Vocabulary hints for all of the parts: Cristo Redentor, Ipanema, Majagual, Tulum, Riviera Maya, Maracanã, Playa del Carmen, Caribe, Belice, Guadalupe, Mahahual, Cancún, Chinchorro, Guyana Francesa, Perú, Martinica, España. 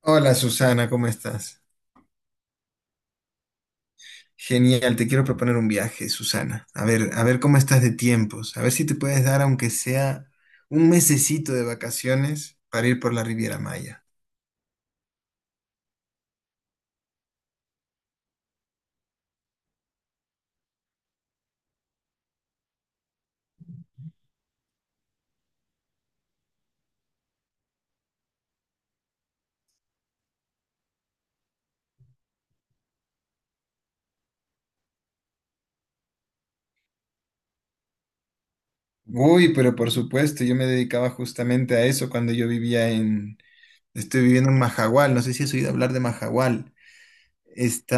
Hola Susana, ¿cómo estás? Genial, te quiero proponer un viaje, Susana. A ver cómo estás de tiempos, a ver si te puedes dar aunque sea un mesecito de vacaciones para ir por la Riviera Maya. Uy, pero por supuesto, yo me dedicaba justamente a eso cuando estoy viviendo en Majagual, no sé si has oído hablar de Majagual. Está,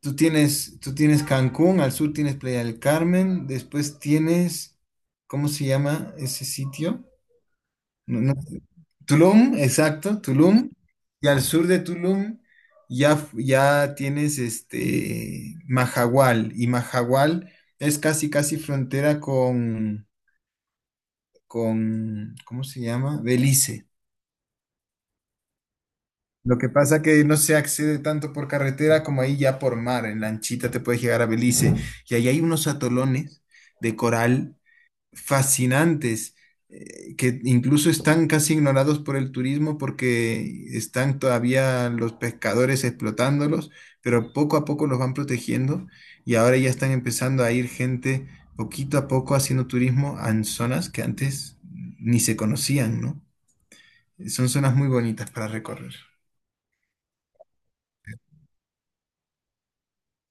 tú tienes Cancún, al sur tienes Playa del Carmen, después tienes, ¿cómo se llama ese sitio? No- no- Tulum, exacto, Tulum. Y al sur de Tulum ya, ya tienes este Mahahual. Y Mahahual es casi, casi frontera con, ¿cómo se llama? Belice. Lo que pasa que no se accede tanto por carretera como ahí ya por mar. En lanchita te puedes llegar a Belice. Y ahí hay unos atolones de coral fascinantes, que incluso están casi ignorados por el turismo porque están todavía los pescadores explotándolos, pero poco a poco los van protegiendo y ahora ya están empezando a ir gente poquito a poco haciendo turismo en zonas que antes ni se conocían, ¿no? Son zonas muy bonitas para recorrer.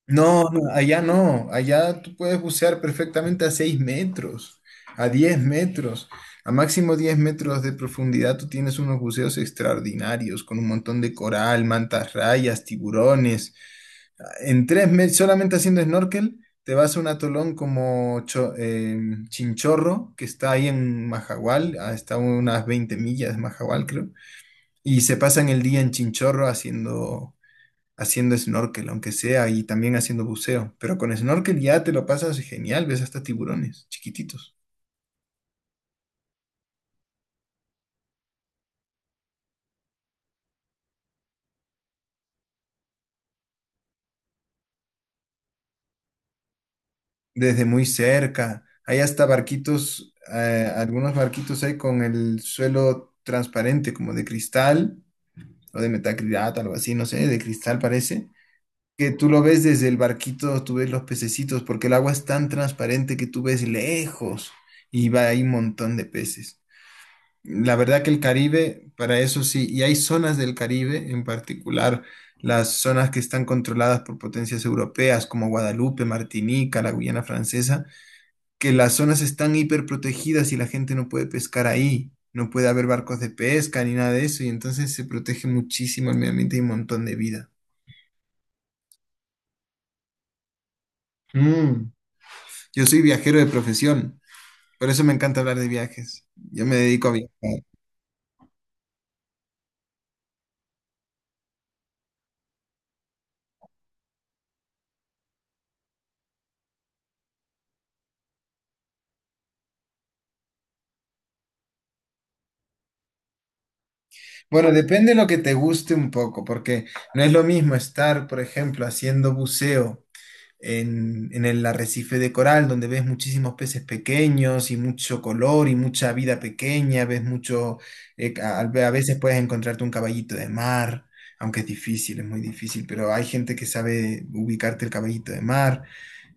No, no, allá no, allá tú puedes bucear perfectamente a 6 metros, a 10 metros, a máximo 10 metros de profundidad tú tienes unos buceos extraordinarios con un montón de coral, mantas rayas, tiburones. En 3 meses, solamente haciendo snorkel, te vas a un atolón como Chinchorro, que está ahí en Majagual, hasta unas 20 millas de Majagual, creo, y se pasan el día en Chinchorro haciendo snorkel, aunque sea, y también haciendo buceo. Pero con snorkel ya te lo pasas genial, ves hasta tiburones chiquititos, desde muy cerca. Hay hasta barquitos, algunos barquitos hay con el suelo transparente, como de cristal o de metacrilato, algo así, no sé, de cristal parece. Que tú lo ves desde el barquito, tú ves los pececitos, porque el agua es tan transparente que tú ves lejos y va ahí un montón de peces. La verdad que el Caribe, para eso sí, y hay zonas del Caribe, en particular las zonas que están controladas por potencias europeas como Guadalupe, Martinica, la Guyana Francesa, que las zonas están hiperprotegidas y la gente no puede pescar ahí, no puede haber barcos de pesca ni nada de eso, y entonces se protege muchísimo el medio ambiente y un montón de vida. Mm, Yo soy viajero de profesión, por eso me encanta hablar de viajes. Yo me dedico a viajar. Bueno, depende de lo que te guste un poco, porque no es lo mismo estar, por ejemplo, haciendo buceo en el arrecife de coral, donde ves muchísimos peces pequeños y mucho color y mucha vida pequeña, ves mucho, a veces puedes encontrarte un caballito de mar, aunque es difícil, es muy difícil, pero hay gente que sabe ubicarte el caballito de mar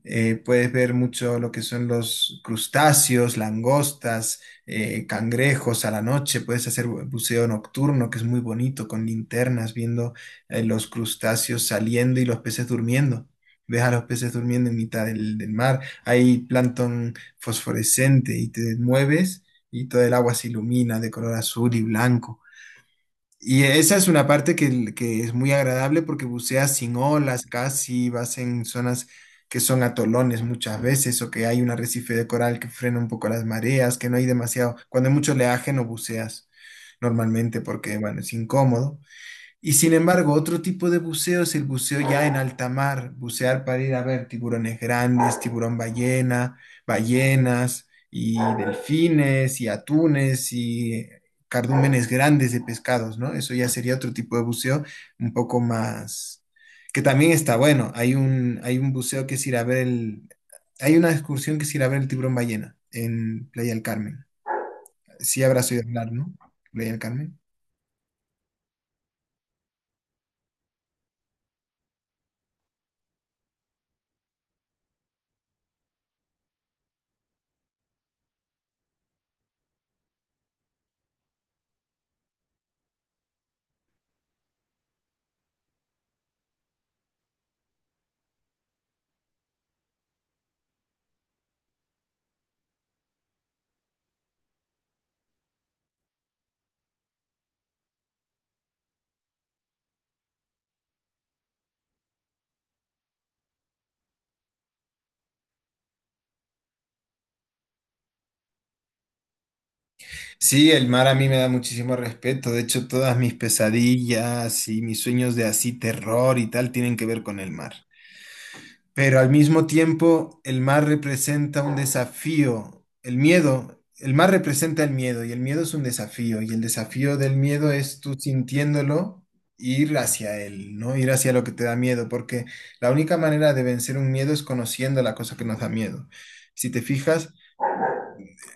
puedes ver mucho lo que son los crustáceos, langostas, cangrejos a la noche. Puedes hacer buceo nocturno, que es muy bonito, con linternas, viendo los crustáceos saliendo y los peces durmiendo. Ves a los peces durmiendo en mitad del mar. Hay plancton fosforescente y te mueves y todo el agua se ilumina de color azul y blanco. Y esa es una parte que es muy agradable porque buceas sin olas casi, vas en zonas que son atolones muchas veces o que hay un arrecife de coral que frena un poco las mareas, que no hay demasiado, cuando hay mucho oleaje no buceas normalmente porque, bueno, es incómodo. Y sin embargo, otro tipo de buceo es el buceo ya en alta mar, bucear para ir a ver tiburones grandes, tiburón ballena, ballenas y delfines y atunes y cardúmenes grandes de pescados, ¿no? Eso ya sería otro tipo de buceo un poco más, que también está bueno. Hay un buceo que es ir a ver el, hay una excursión que es ir a ver el tiburón ballena en Playa del Carmen. Sí habrás oído hablar, ¿no? Playa del Carmen. Sí, el mar a mí me da muchísimo respeto. De hecho, todas mis pesadillas y mis sueños de así terror y tal tienen que ver con el mar. Pero al mismo tiempo, el mar representa un desafío. El miedo, el mar representa el miedo y el miedo es un desafío. Y el desafío del miedo es tú sintiéndolo, ir hacia él, ¿no? Ir hacia lo que te da miedo. Porque la única manera de vencer un miedo es conociendo la cosa que nos da miedo. Si te fijas...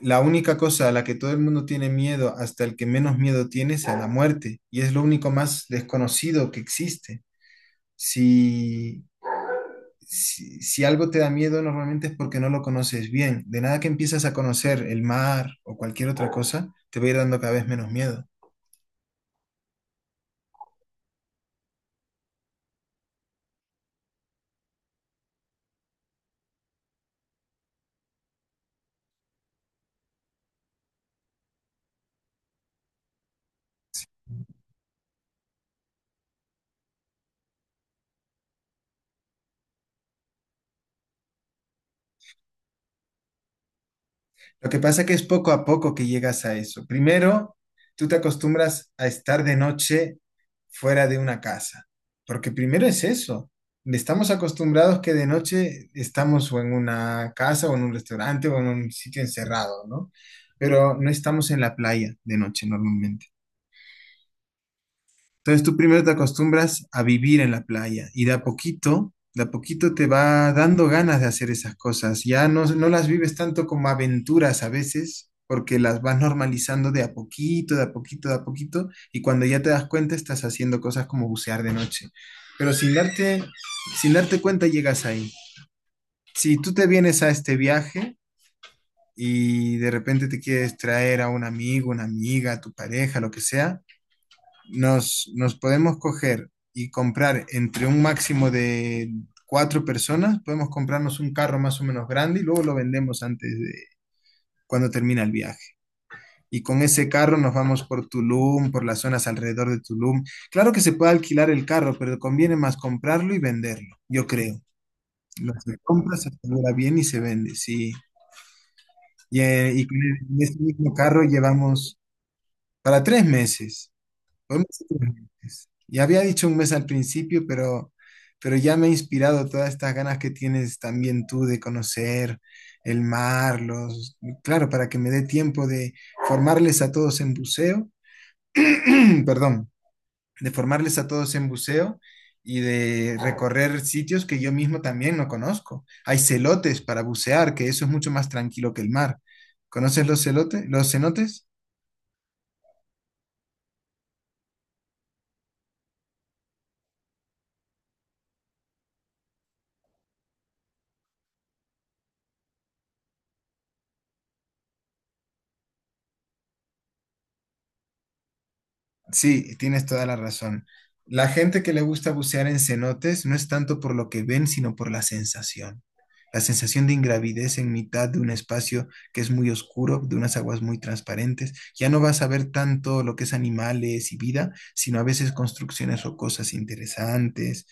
La única cosa a la que todo el mundo tiene miedo, hasta el que menos miedo tiene, es a la muerte, y es lo único más desconocido que existe. Si, si, algo te da miedo, normalmente es porque no lo conoces bien. De nada que empiezas a conocer el mar o cualquier otra cosa, te va a ir dando cada vez menos miedo. Lo que pasa que es poco a poco que llegas a eso. Primero, tú te acostumbras a estar de noche fuera de una casa, porque primero es eso. Estamos acostumbrados que de noche estamos o en una casa o en un restaurante o en un sitio encerrado, ¿no? Pero no estamos en la playa de noche normalmente. Entonces tú primero te acostumbras a vivir en la playa y de a poquito te va dando ganas de hacer esas cosas. Ya no, no las vives tanto como aventuras a veces, porque las vas normalizando de a poquito, de a poquito, de a poquito, y cuando ya te das cuenta estás haciendo cosas como bucear de noche. Pero sin darte cuenta llegas ahí. Si tú te vienes a este viaje y de repente te quieres traer a un amigo, una amiga, a tu pareja, lo que sea, nos podemos coger y comprar entre un máximo de 4 personas, podemos comprarnos un carro más o menos grande y luego lo vendemos antes de cuando termina el viaje. Y con ese carro nos vamos por Tulum, por las zonas alrededor de Tulum. Claro que se puede alquilar el carro, pero conviene más comprarlo y venderlo, yo creo. Lo que compras se asegura bien y se vende, sí. Y con en ese mismo carro llevamos para 3 meses. Fue un mes y ya había dicho un mes al principio, pero ya me ha inspirado todas estas ganas que tienes también tú de conocer el mar, los, claro, para que me dé tiempo de formarles a todos en buceo, perdón, de formarles a todos en buceo y de recorrer sitios que yo mismo también no conozco. Hay celotes para bucear, que eso es mucho más tranquilo que el mar. ¿Conoces los celotes, los cenotes? Sí, tienes toda la razón. La gente que le gusta bucear en cenotes no es tanto por lo que ven, sino por la sensación. La sensación de ingravidez en mitad de un espacio que es muy oscuro, de unas aguas muy transparentes. Ya no vas a ver tanto lo que es animales y vida, sino a veces construcciones rocosas interesantes,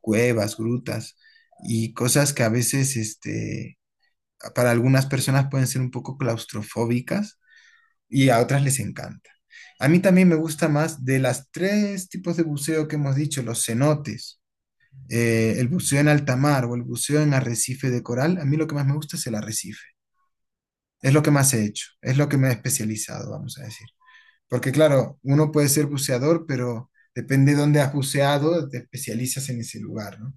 cuevas, grutas y cosas que a veces, este, para algunas personas pueden ser un poco claustrofóbicas y a otras les encanta. A mí también me gusta más de las tres tipos de buceo que hemos dicho, los cenotes, el buceo en alta mar o el buceo en arrecife de coral. A mí lo que más me gusta es el arrecife. Es lo que más he hecho, es lo que me he especializado, vamos a decir. Porque claro, uno puede ser buceador, pero depende de dónde has buceado, te especializas en ese lugar, ¿no?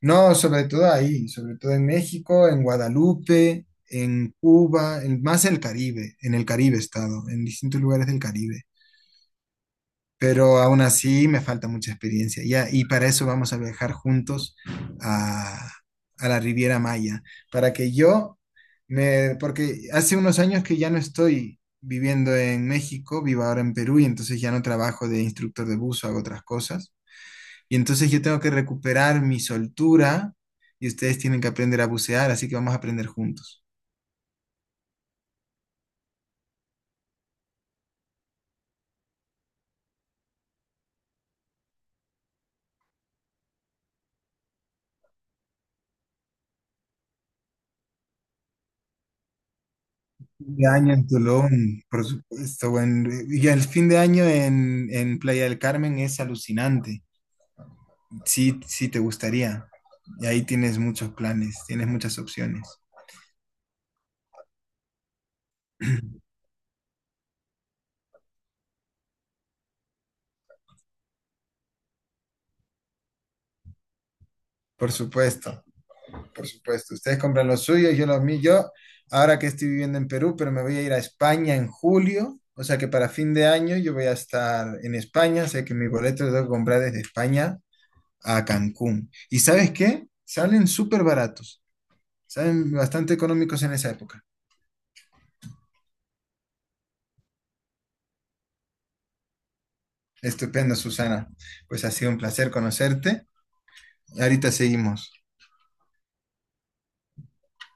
No, sobre todo ahí, sobre todo en México, en Guadalupe, en Cuba, en, más el Caribe, en el Caribe he estado, en distintos lugares del Caribe. Pero aún así me falta mucha experiencia. Ya, y para eso vamos a viajar juntos a, a la Riviera Maya, para que yo me, porque hace unos años que ya no estoy viviendo en México, vivo ahora en Perú y entonces ya no trabajo de instructor de buzo, hago otras cosas. Y entonces yo tengo que recuperar mi soltura y ustedes tienen que aprender a bucear, así que vamos a aprender juntos. Fin de año en Tulum, por supuesto. Y el fin de año en Playa del Carmen es alucinante. Sí, sí te gustaría. Y ahí tienes muchos planes, tienes muchas opciones. Por supuesto, por supuesto. Ustedes compran los suyos, yo los míos. Yo, ahora que estoy viviendo en Perú, pero me voy a ir a España en julio. O sea que para fin de año yo voy a estar en España. Sé que mi boleto lo tengo que comprar desde España a Cancún. ¿Y sabes qué? Salen súper baratos. Salen bastante económicos en esa época. Estupendo, Susana. Pues ha sido un placer conocerte. Ahorita seguimos.